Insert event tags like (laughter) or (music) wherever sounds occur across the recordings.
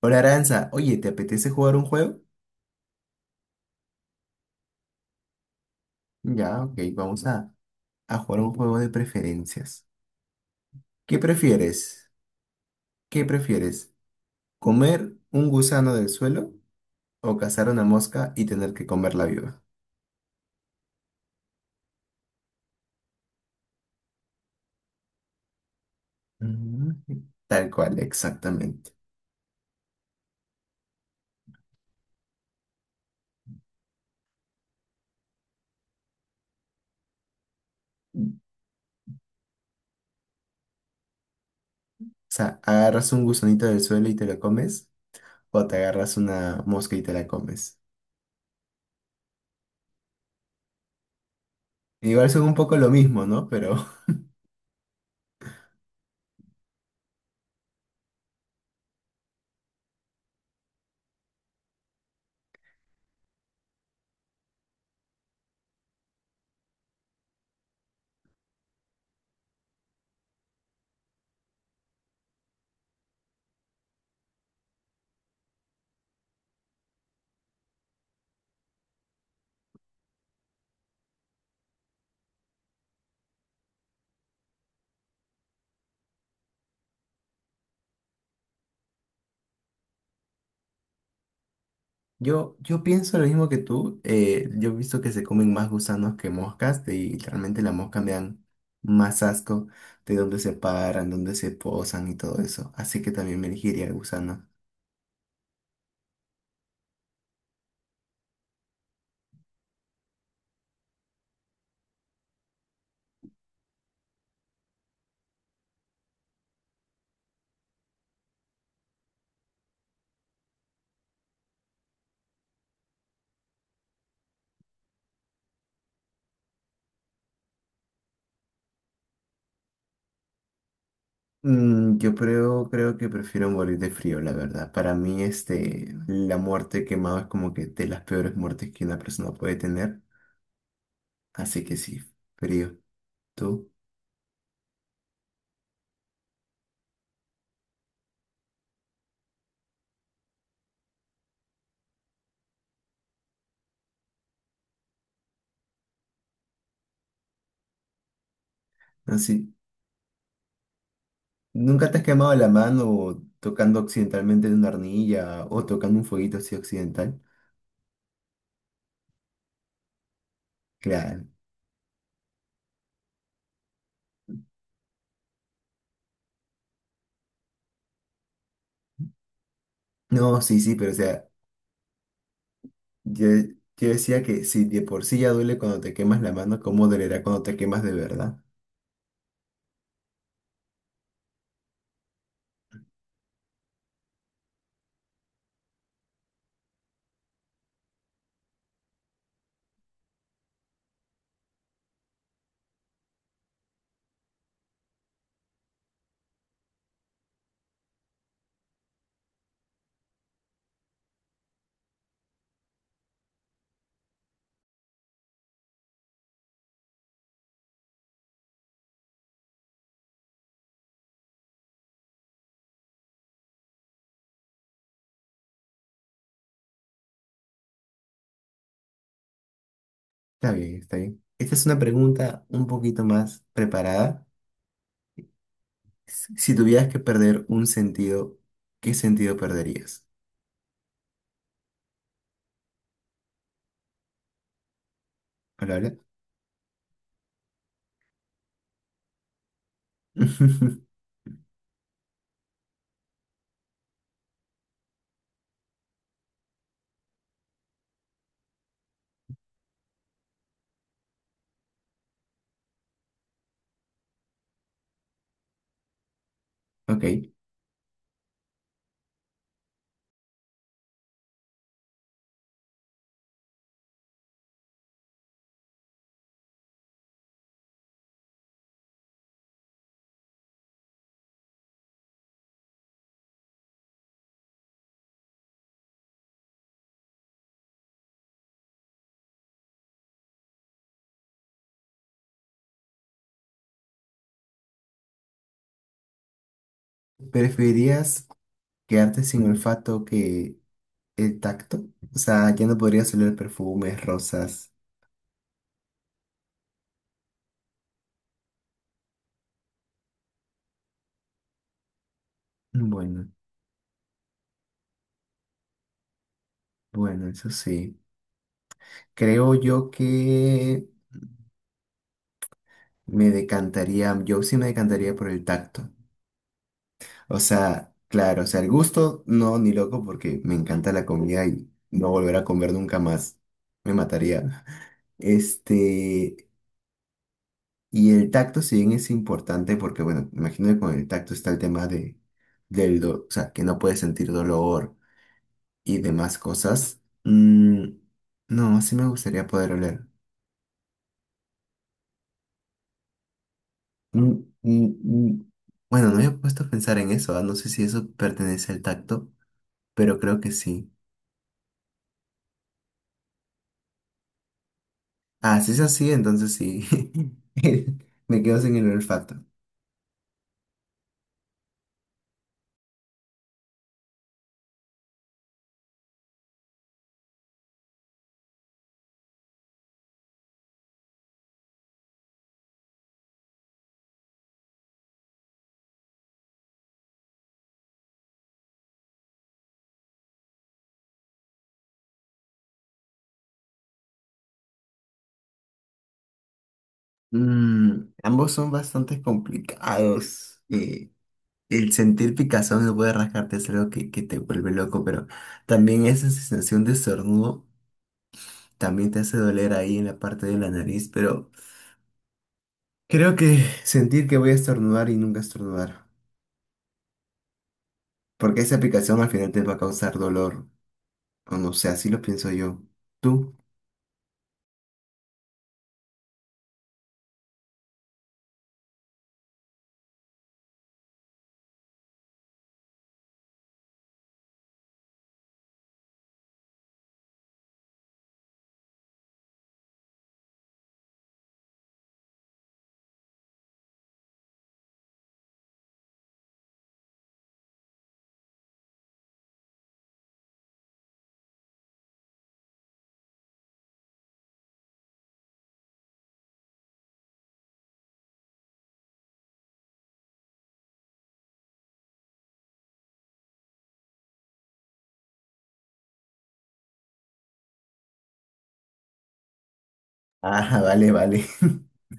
Hola Aranza, oye, ¿te apetece jugar un juego? Ya, ok, vamos a jugar un juego de preferencias. ¿Qué prefieres? ¿Qué prefieres? ¿Comer un gusano del suelo o cazar una mosca y tener que comerla viva? Mm, Tal cual, exactamente. O sea, agarras un gusanito del suelo y te lo comes o te agarras una mosca y te la comes. Igual son un poco lo mismo, ¿no? Pero yo pienso lo mismo que tú. Yo he visto que se comen más gusanos que moscas y realmente las moscas me dan más asco de dónde se paran, dónde se posan y todo eso. Así que también me elegiría el gusano. Mm, creo que prefiero morir de frío, la verdad. Para mí, este, la muerte quemada es como que de las peores muertes que una persona puede tener. Así que sí, frío. ¿Tú? Así, ¿nunca te has quemado la mano tocando accidentalmente en una arnilla o tocando un fueguito así accidental? Claro. No, sí, sí, pero o sea, yo, yo decía que si de por sí ya duele cuando te quemas la mano, ¿cómo dolerá cuando te quemas de verdad? Está bien, está bien. Esta es una pregunta un poquito más preparada. Si tuvieras que perder un sentido, ¿qué sentido perderías? ¿Palabra? (laughs) Ok. ¿Preferirías quedarte sin olfato que el tacto? O sea, ya no podría salir perfumes, rosas. Bueno, bueno, eso sí. Creo yo que yo sí me decantaría por el tacto. O sea, claro, o sea, el gusto no, ni loco, porque me encanta la comida y no volver a comer nunca más. Me mataría. Este, y el tacto, si bien es importante, porque bueno, imagino que con el tacto está el tema o sea, que no puedes sentir dolor y demás cosas. No, sí me gustaría poder oler. Mm, mm, mm. Bueno, no había puesto a pensar en eso, no sé si eso pertenece al tacto, pero creo que sí. Ah, si es así, entonces sí. (laughs) Me quedo sin el olfato. Mm, ambos son bastante complicados. El sentir picazón no puede rascarte es algo que te vuelve loco, pero también esa sensación de estornudo también te hace doler ahí en la parte de la nariz, pero... Creo que sentir que voy a estornudar y nunca estornudar. Porque esa aplicación al final te va a causar dolor. O no sé, así lo pienso yo. ¿Tú? Ah, vale, vale. (laughs)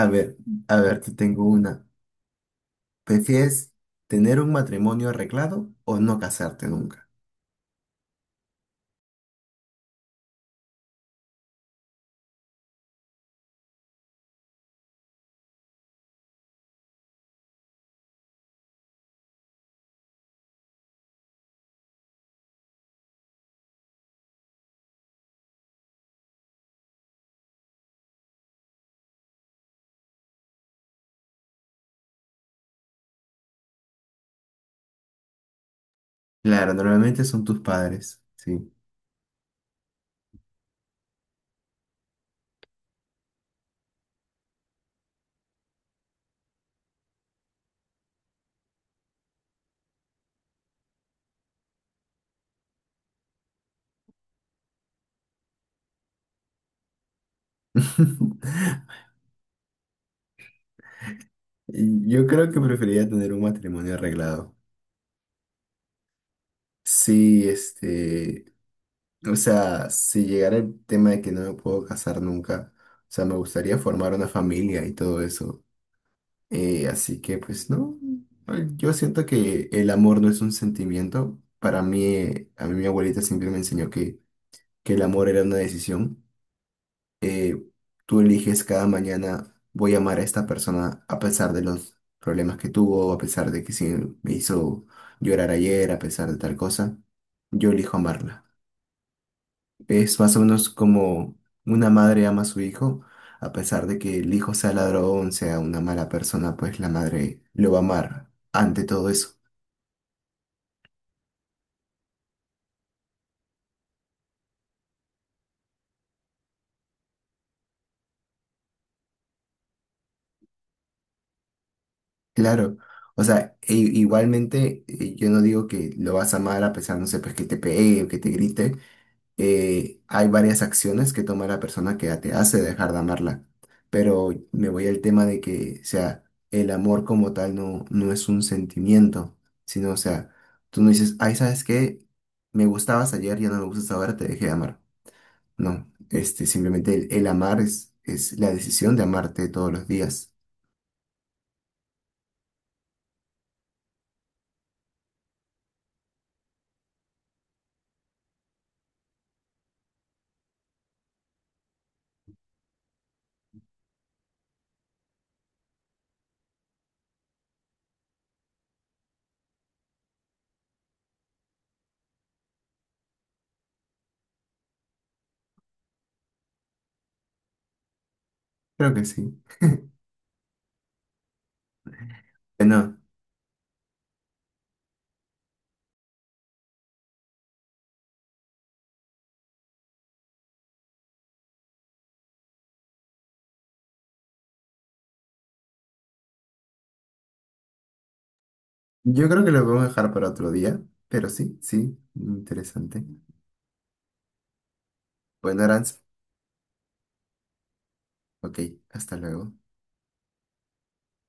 A ver, a ver, te tengo una. ¿Prefieres tener un matrimonio arreglado o no casarte nunca? Claro, normalmente son tus padres, sí. (laughs) Yo creo que preferiría tener un matrimonio arreglado. Sí, este, o sea, si llegara el tema de que no me puedo casar nunca, o sea, me gustaría formar una familia y todo eso. Así que, pues, no, ay, yo siento que el amor no es un sentimiento. Para mí, a mí mi abuelita siempre me enseñó que el amor era una decisión. Eh, Tú eliges cada mañana, voy a amar a esta persona a pesar de los problemas que tuvo, a pesar de que sí me hizo llorar ayer, a pesar de tal cosa. Yo elijo amarla. Es más o menos como una madre ama a su hijo, a pesar de que el hijo sea ladrón, sea una mala persona, pues la madre lo va a amar ante todo eso. Claro, o sea, igualmente yo no digo que lo vas a amar a pesar, no sé, pues que te pegue o que te grite, hay varias acciones que toma la persona que te hace dejar de amarla, pero me voy al tema de que, o sea, el amor como tal no es un sentimiento, sino, o sea, tú no dices, ay, ¿sabes qué? Me gustabas ayer, ya no me gustas ahora, te dejé de amar. No, este, simplemente el amar es la decisión de amarte todos los días. Creo que sí. Bueno, yo creo que lo vamos a dejar para otro día, pero sí, sí, interesante. Bueno, Aranza, ok, hasta luego.